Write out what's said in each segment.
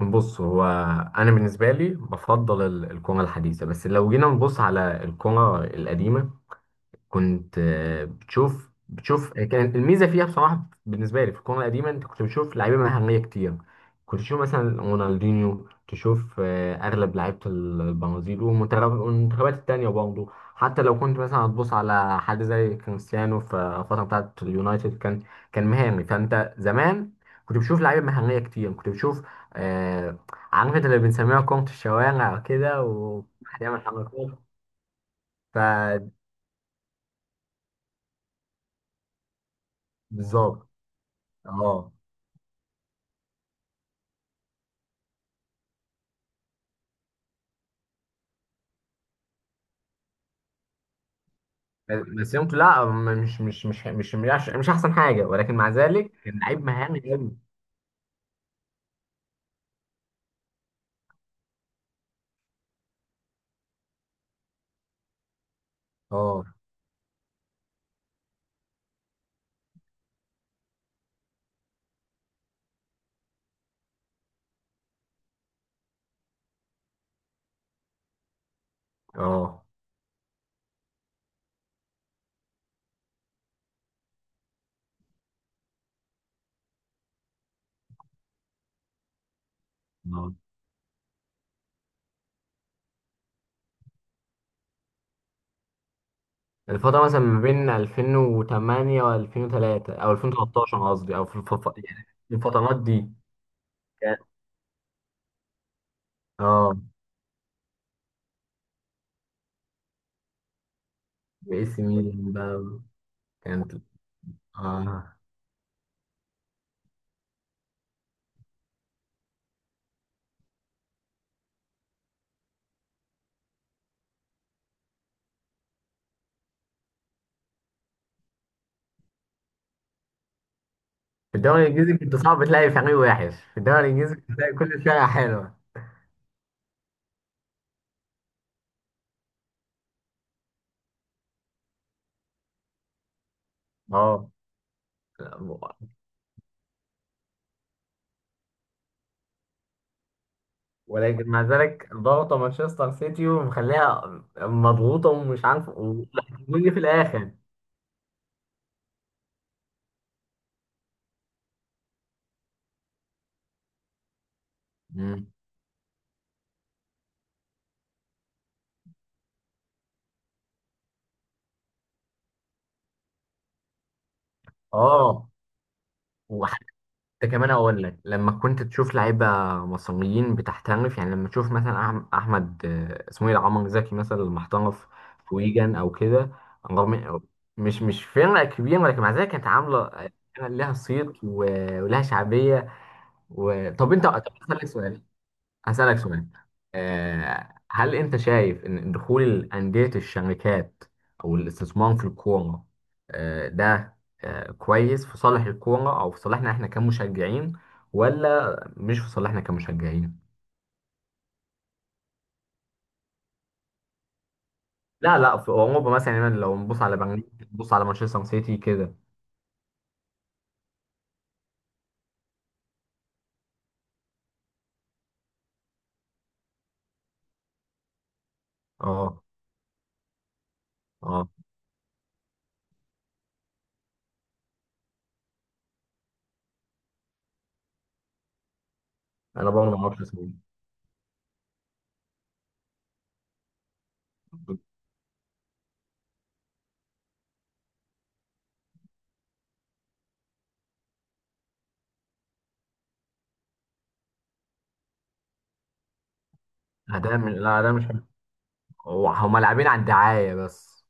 بص، هو... انا بالنسبه لي بفضل القومه الحديثه، بس لو جينا نبص على القومه القديمه، كنت بتشوف كان الميزه فيها، بصراحه، بالنسبه لي في الكوره القديمه، انت كنت بتشوف لعيبه مهاريه كتير. كنت تشوف مثلا رونالدينيو، تشوف اغلب لعيبه البرازيل، والمنتخبات التانيه برضه. حتى لو كنت مثلا هتبص على حد زي كريستيانو في الفتره بتاعت اليونايتد، كان مهاري. فانت زمان كنت بتشوف لعيبه مهاريه كتير، كنت بتشوف. آه عارف انت اللي بنسميها كرة الشوارع كده، وواحد يعمل حركات. فبالظبط. اه. بس يمكن لا، مش احسن حاجه، ولكن مع ذلك كان لعيب مهاري قوي. اه. اه. آه. الفتره مثلا ما بين 2008 و2003، او 2013 قصدي، او في الف... يعني في الفترات دي. كان- اه. باي سي ميلان بقى. كانت. اه. في الدوري الانجليزي كنت صعب تلاقي فريق وحش. في الدوري الانجليزي كنت تلاقي كل فرقه حلوه. اه. ولكن مع ذلك ضغطة مانشستر سيتي، ومخليها مضغوطة ومش عارف، وهتجيلي في الآخر. مم. اه. وحتى كمان اقول لك، لما كنت تشوف لعيبه مصريين بتحترف، يعني لما تشوف مثلا احمد، اسمه ايه ده؟ عمر زكي مثلا لما احترف في ويجن او كده. رغم مش فرقه كبيره، ولكن مع ذلك كانت عامله، كان لها صيت ولها شعبيه و... طب اسالك سؤال هسألك سؤال. هل أنت شايف إن دخول أندية الشركات أو الاستثمار في الكورة، آه، ده آه، كويس في صالح الكورة أو في صالحنا إحنا كمشجعين، ولا مش في صالحنا كمشجعين؟ لا، لا، في أوروبا مثلا. يعني لو نبص على برلين، نبص على مانشستر سيتي كده. أه. أه. أنا برضه ما أعرفش اسمه. لا ده مش حلو. هما لاعبين على الدعاية بس.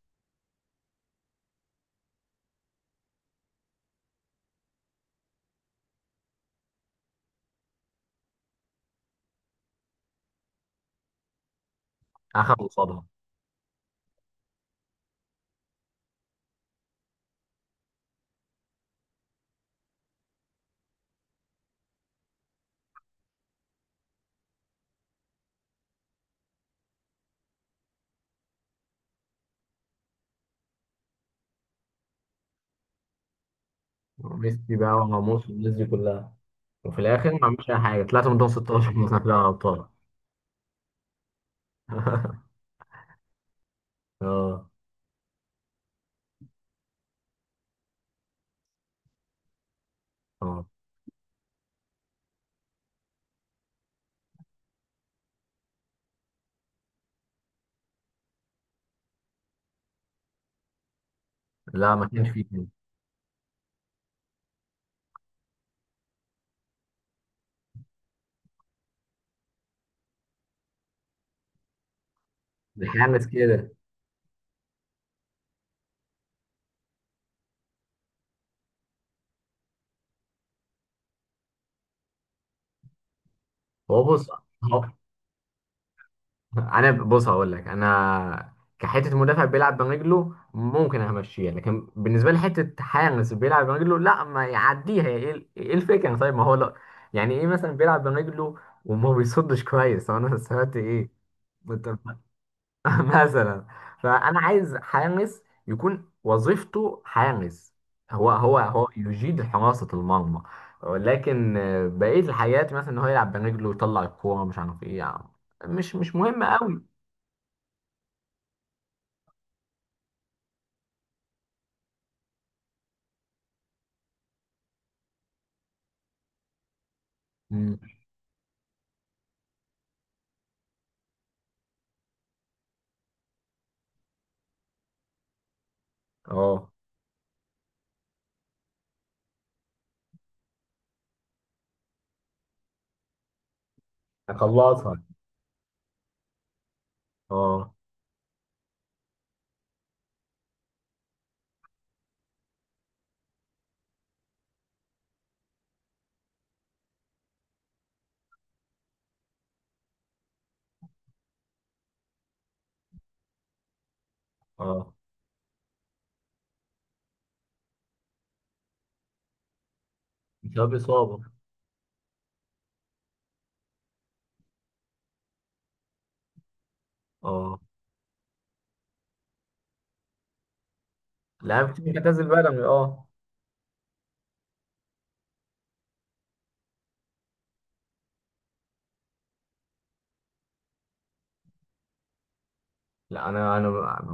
أخدوا قصادها. ميسي بقى وراموس والناس دي كلها، وفي الاخر ما عملش اي حاجه، طلعت من دور 16 مثلا في دوري الابطال. اه. اه. لا ما كانش فيه كده. بيحنس كده. هو... بص، هو... انا... بص هقول لك، انا كحته مدافع بيلعب برجله ممكن همشيها، لكن بالنسبه لي حته حارس بيلعب برجله، لا ما يعديها. إيه الفكره؟ طيب ما هو لا. يعني ايه مثلا بيلعب برجله وما بيصدش كويس؟ طب انا سمعت ايه؟ انت مثلا. فانا عايز حارس يكون وظيفته حارس. هو يجيد حراسة المرمى. ولكن بقية الحاجات، مثلا ان هو يلعب برجله ويطلع الكورة مش عارف ايه، يعني مش مهم قوي. مم. اه. هخلصها. اه. اه. بسبب إصابة. اه، لا بتعتزل بدني. اه. لا، انا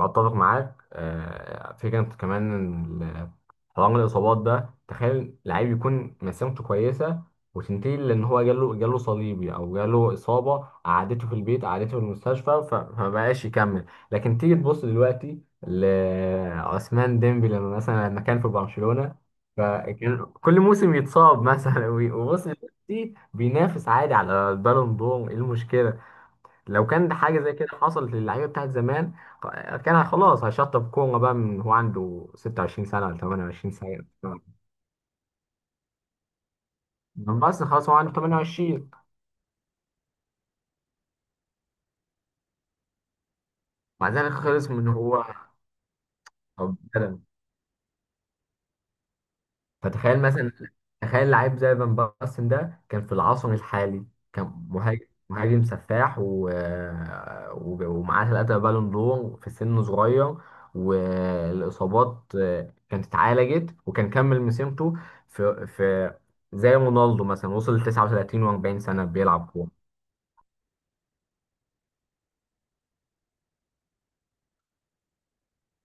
بتفق معاك. فكره كمان إن حوار الاصابات ده. تخيل لعيب يكون مسيرته كويسه وتنتهي لان هو جاله صليبي، او جاله اصابه قعدته في البيت، قعدته في المستشفى، فما بقاش يكمل. لكن تيجي تبص دلوقتي لعثمان ديمبي، لما كان في برشلونه، فكان كل موسم يتصاب مثلا. وبص دلوقتي بينافس عادي على البالون دور. ايه المشكله؟ لو كان ده حاجه زي كده حصلت للعيبه بتاعت زمان، كان خلاص هيشطب كوره بقى، من هو عنده 26 سنه ولا 28 سنه. من بس خلاص هو عنده 28. مع ذلك خلص من هو أو بدأ. فتخيل مثلا، تخيل لعيب زي فان باستن ده كان في العصر الحالي، كان مهاجم سفاح، ومعاه ثلاثة بالون دور في سن صغير. والإصابات كانت اتعالجت وكان كمل مسيرته. في زي رونالدو مثلا، وصل ل 39 و40 سنة بيلعب كورة.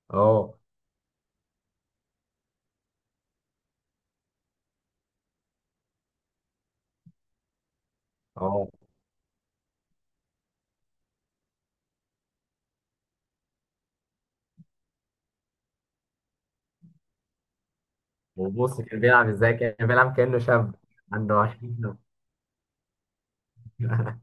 اه. اه. وبص كان بيلعب ازاي؟ كان بيلعب كأنه شاب عنده 20 سنة.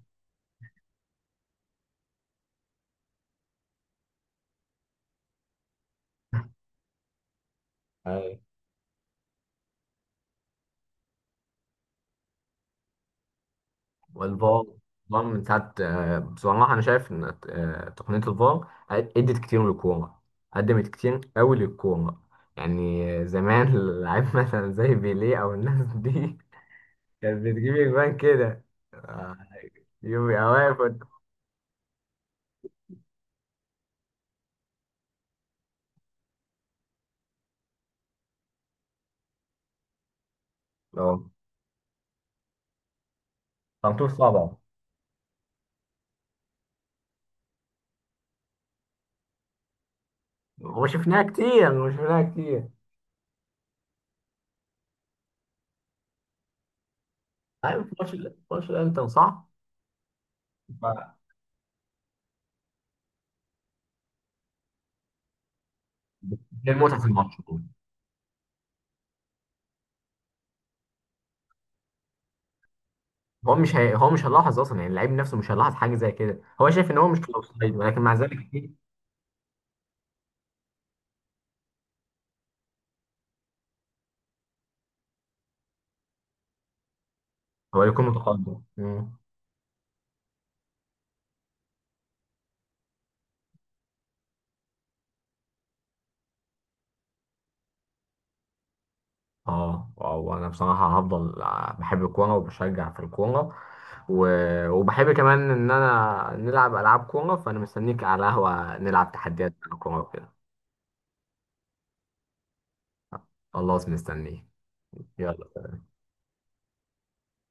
والفار الفار من ساعة، بصراحة أنا شايف إن تقنية الفار أدت كتير للكورة، قدمت كتير أوي للكورة. يعني زمان اللعيب مثلا زي بيليه أو الناس دي كانت بتجيب أجوان كده، آه، يوم يبقى واقف قد- اه، خمسة صعبة. وشفناها كتير، وشفناها كتير. عارف ماتش ماتش الأنتر، صح؟ ف- دي المتعة في الماتش. هو مش هيلاحظ أصلا، يعني اللعيب نفسه مش هيلاحظ حاجة زي كده. هو شايف إن هو مش في الأوفسايد، ولكن مع ذلك هو يكون متقدم. مم. اه. اه. وانا بصراحه هفضل بحب الكوره، وبشجع في الكوره و... وبحب كمان ان انا نلعب العاب كوره. فانا مستنيك على قهوه نلعب تحديات كوره وكده. خلاص مستنيك. يلا.